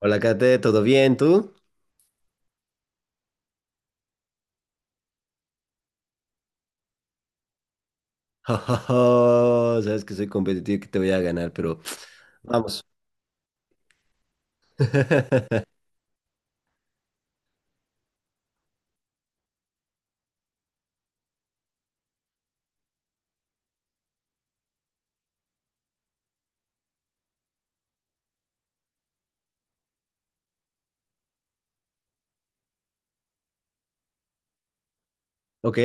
Hola, Kate, ¿todo bien? ¿Tú? Jo, jo, jo, sabes que soy competitivo y que te voy a ganar, pero vamos. ¿Ok?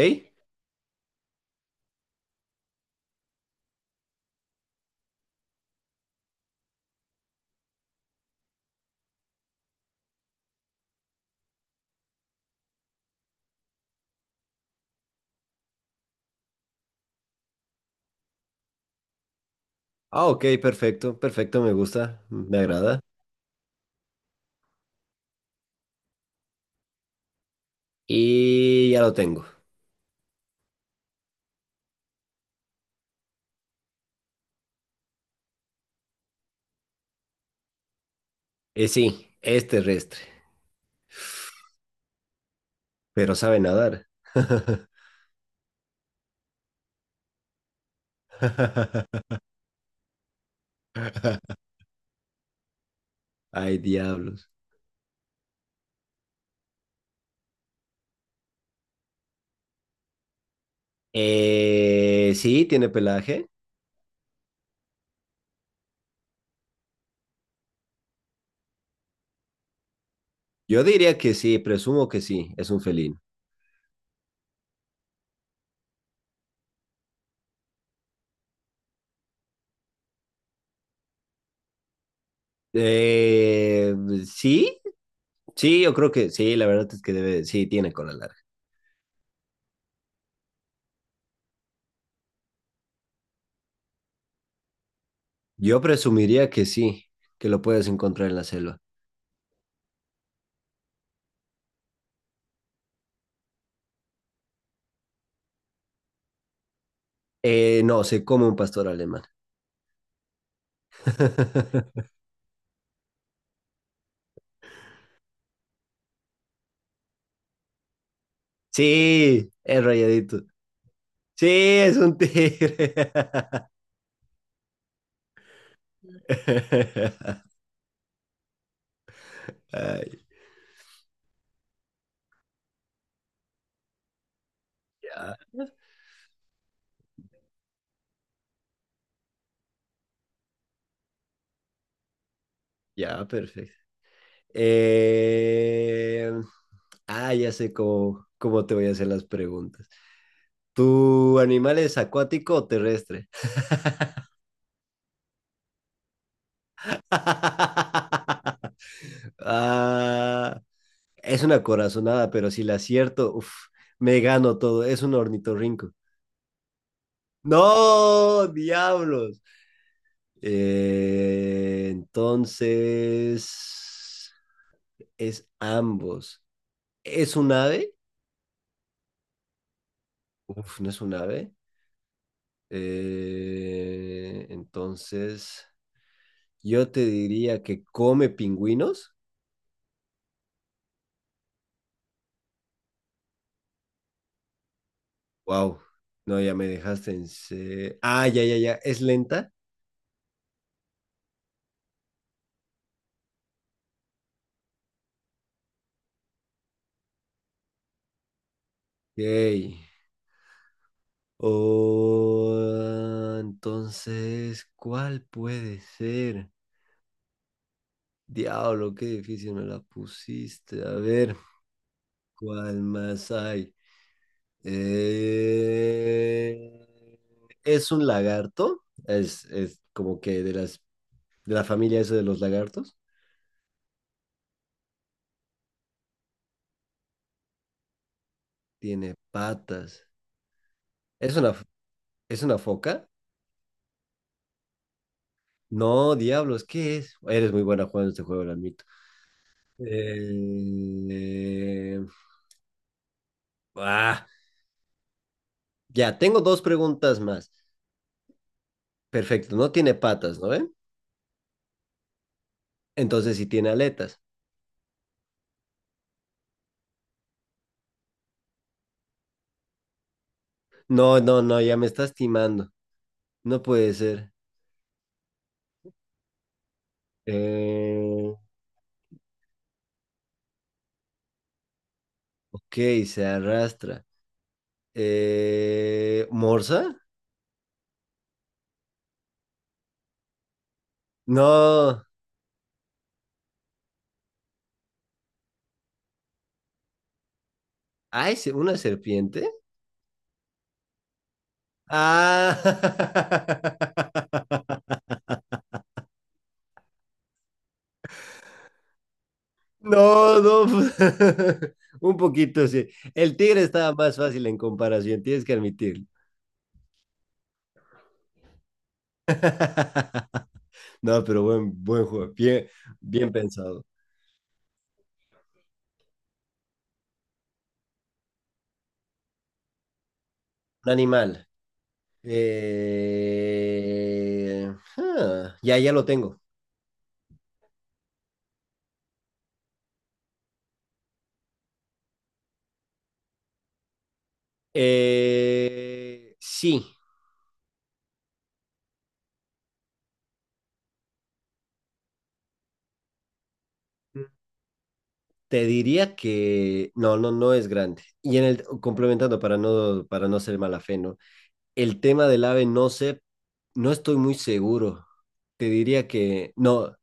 Ah, ok, perfecto, perfecto, me gusta, me agrada. Y ya lo tengo. Y sí, es terrestre, pero sabe nadar. Ay, diablos. Sí, tiene pelaje. Yo diría que sí, presumo que sí, es un felino. Eh, sí, sí, yo creo que sí, la verdad es que debe, sí, tiene cola larga. Yo presumiría que sí, que lo puedes encontrar en la selva. No, se come un pastor alemán. Sí, es rayadito. Sí, es un tigre. Ay, ya, ya, perfecto. Eh, ya sé cómo te voy a hacer las preguntas. ¿Tu animal es acuático o terrestre? Ah, es una corazonada, pero si la acierto, uf, me gano todo. Es un ornitorrinco. ¡No! ¡Diablos! Entonces, es ambos. ¿Es un ave? Uf, no es un ave. Entonces, yo te diría que come pingüinos. ¡Wow! No, ya me dejaste en... Ah, ya, ya, ya. ¿Es lenta? Ok. Oh, entonces, ¿cuál puede ser? Diablo, qué difícil me la pusiste. A ver, ¿cuál más hay? Eh, ¿Es un lagarto? Es como que de la familia eso de los lagartos. Tiene patas. ¿Es una, f- es una foca? No, diablos, ¿qué es? Eres muy buena jugando este juego, lo admito. Eh, ah, Ya, tengo dos preguntas más. Perfecto, no tiene patas, ¿no ven? Entonces sí tiene aletas. No, no, no, ya me estás timando. No puede ser. Eh, ok, se arrastra. ¿Morsa? No. Ay, ¿una serpiente? Ah. No, no. Un poquito, sí. El tigre estaba más fácil en comparación, tienes que admitirlo. No, pero buen, buen juego. Bien, bien pensado. Un animal. Eh, ya, ya lo tengo. Sí, te diría que no, no, no es grande. Y en el complementando para no ser mala fe, ¿no? El tema del ave, no sé, no estoy muy seguro. Te diría que no.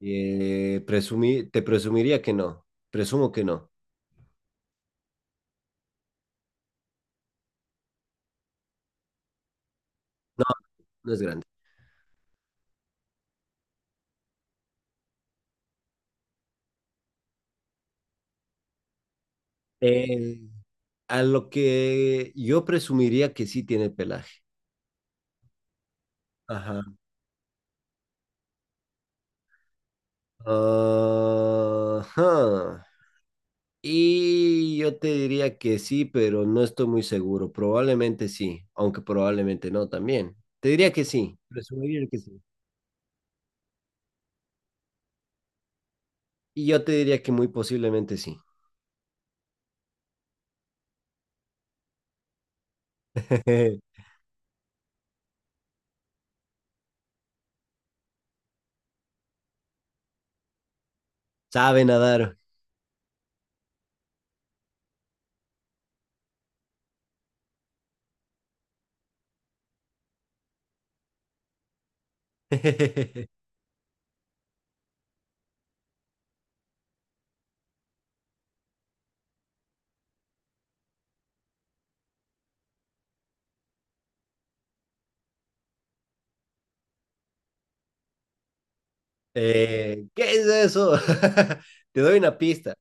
te presumiría que no. Presumo que no. No, no es grande. Eh, a lo que yo presumiría que sí tiene pelaje. Ajá. Ah, ajá. Y yo te diría que sí, pero no estoy muy seguro. Probablemente sí, aunque probablemente no también. Te diría que sí. Presumiría que sí. Y yo te diría que muy posiblemente sí. Sabe nadar. ¿Qué es eso? Te doy una pista.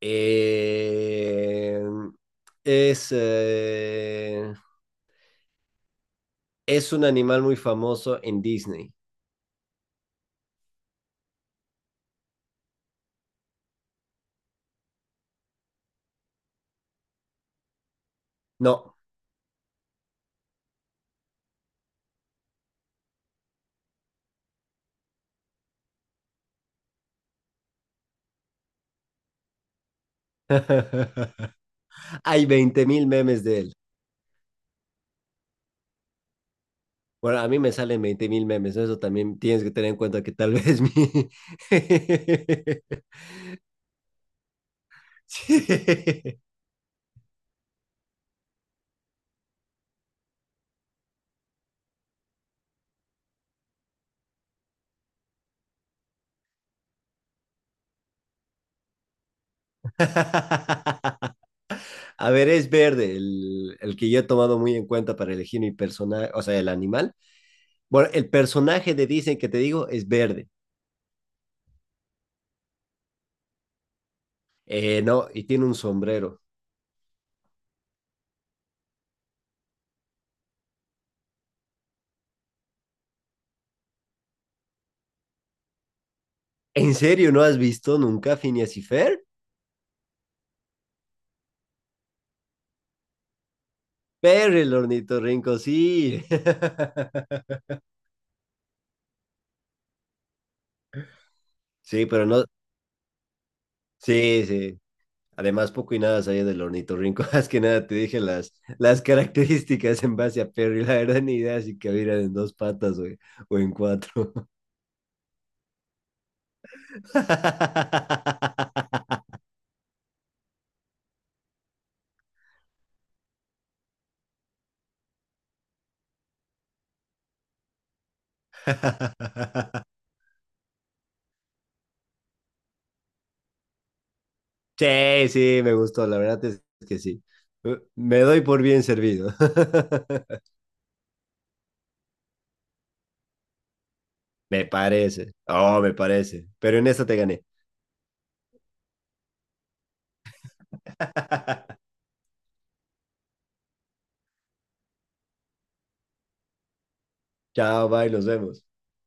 Eh, es, eh, es un animal muy famoso en Disney. No. Hay 20 mil memes de él. Bueno, a mí me salen 20 mil memes, ¿no? Eso también tienes que tener en cuenta que tal vez mi. Sí. A ver, es verde el que yo he tomado muy en cuenta para elegir mi personaje, o sea, el animal. Bueno, el personaje de Disney que te digo es verde. No, y tiene un sombrero. ¿En serio no has visto nunca Phineas y Fer? Pero el ornitorrinco, sí. Sí, pero no. Sí, sí. Además, poco y nada sabía del ornitorrinco. Más que nada te dije las características en base a Perry. La verdad, ni idea si cabían en dos patas o en cuatro. Sí, sí, me gustó. La verdad es que sí. Me doy por bien servido. Me parece. Oh, me parece. Pero en esta te gané. Chao, bye, nos vemos.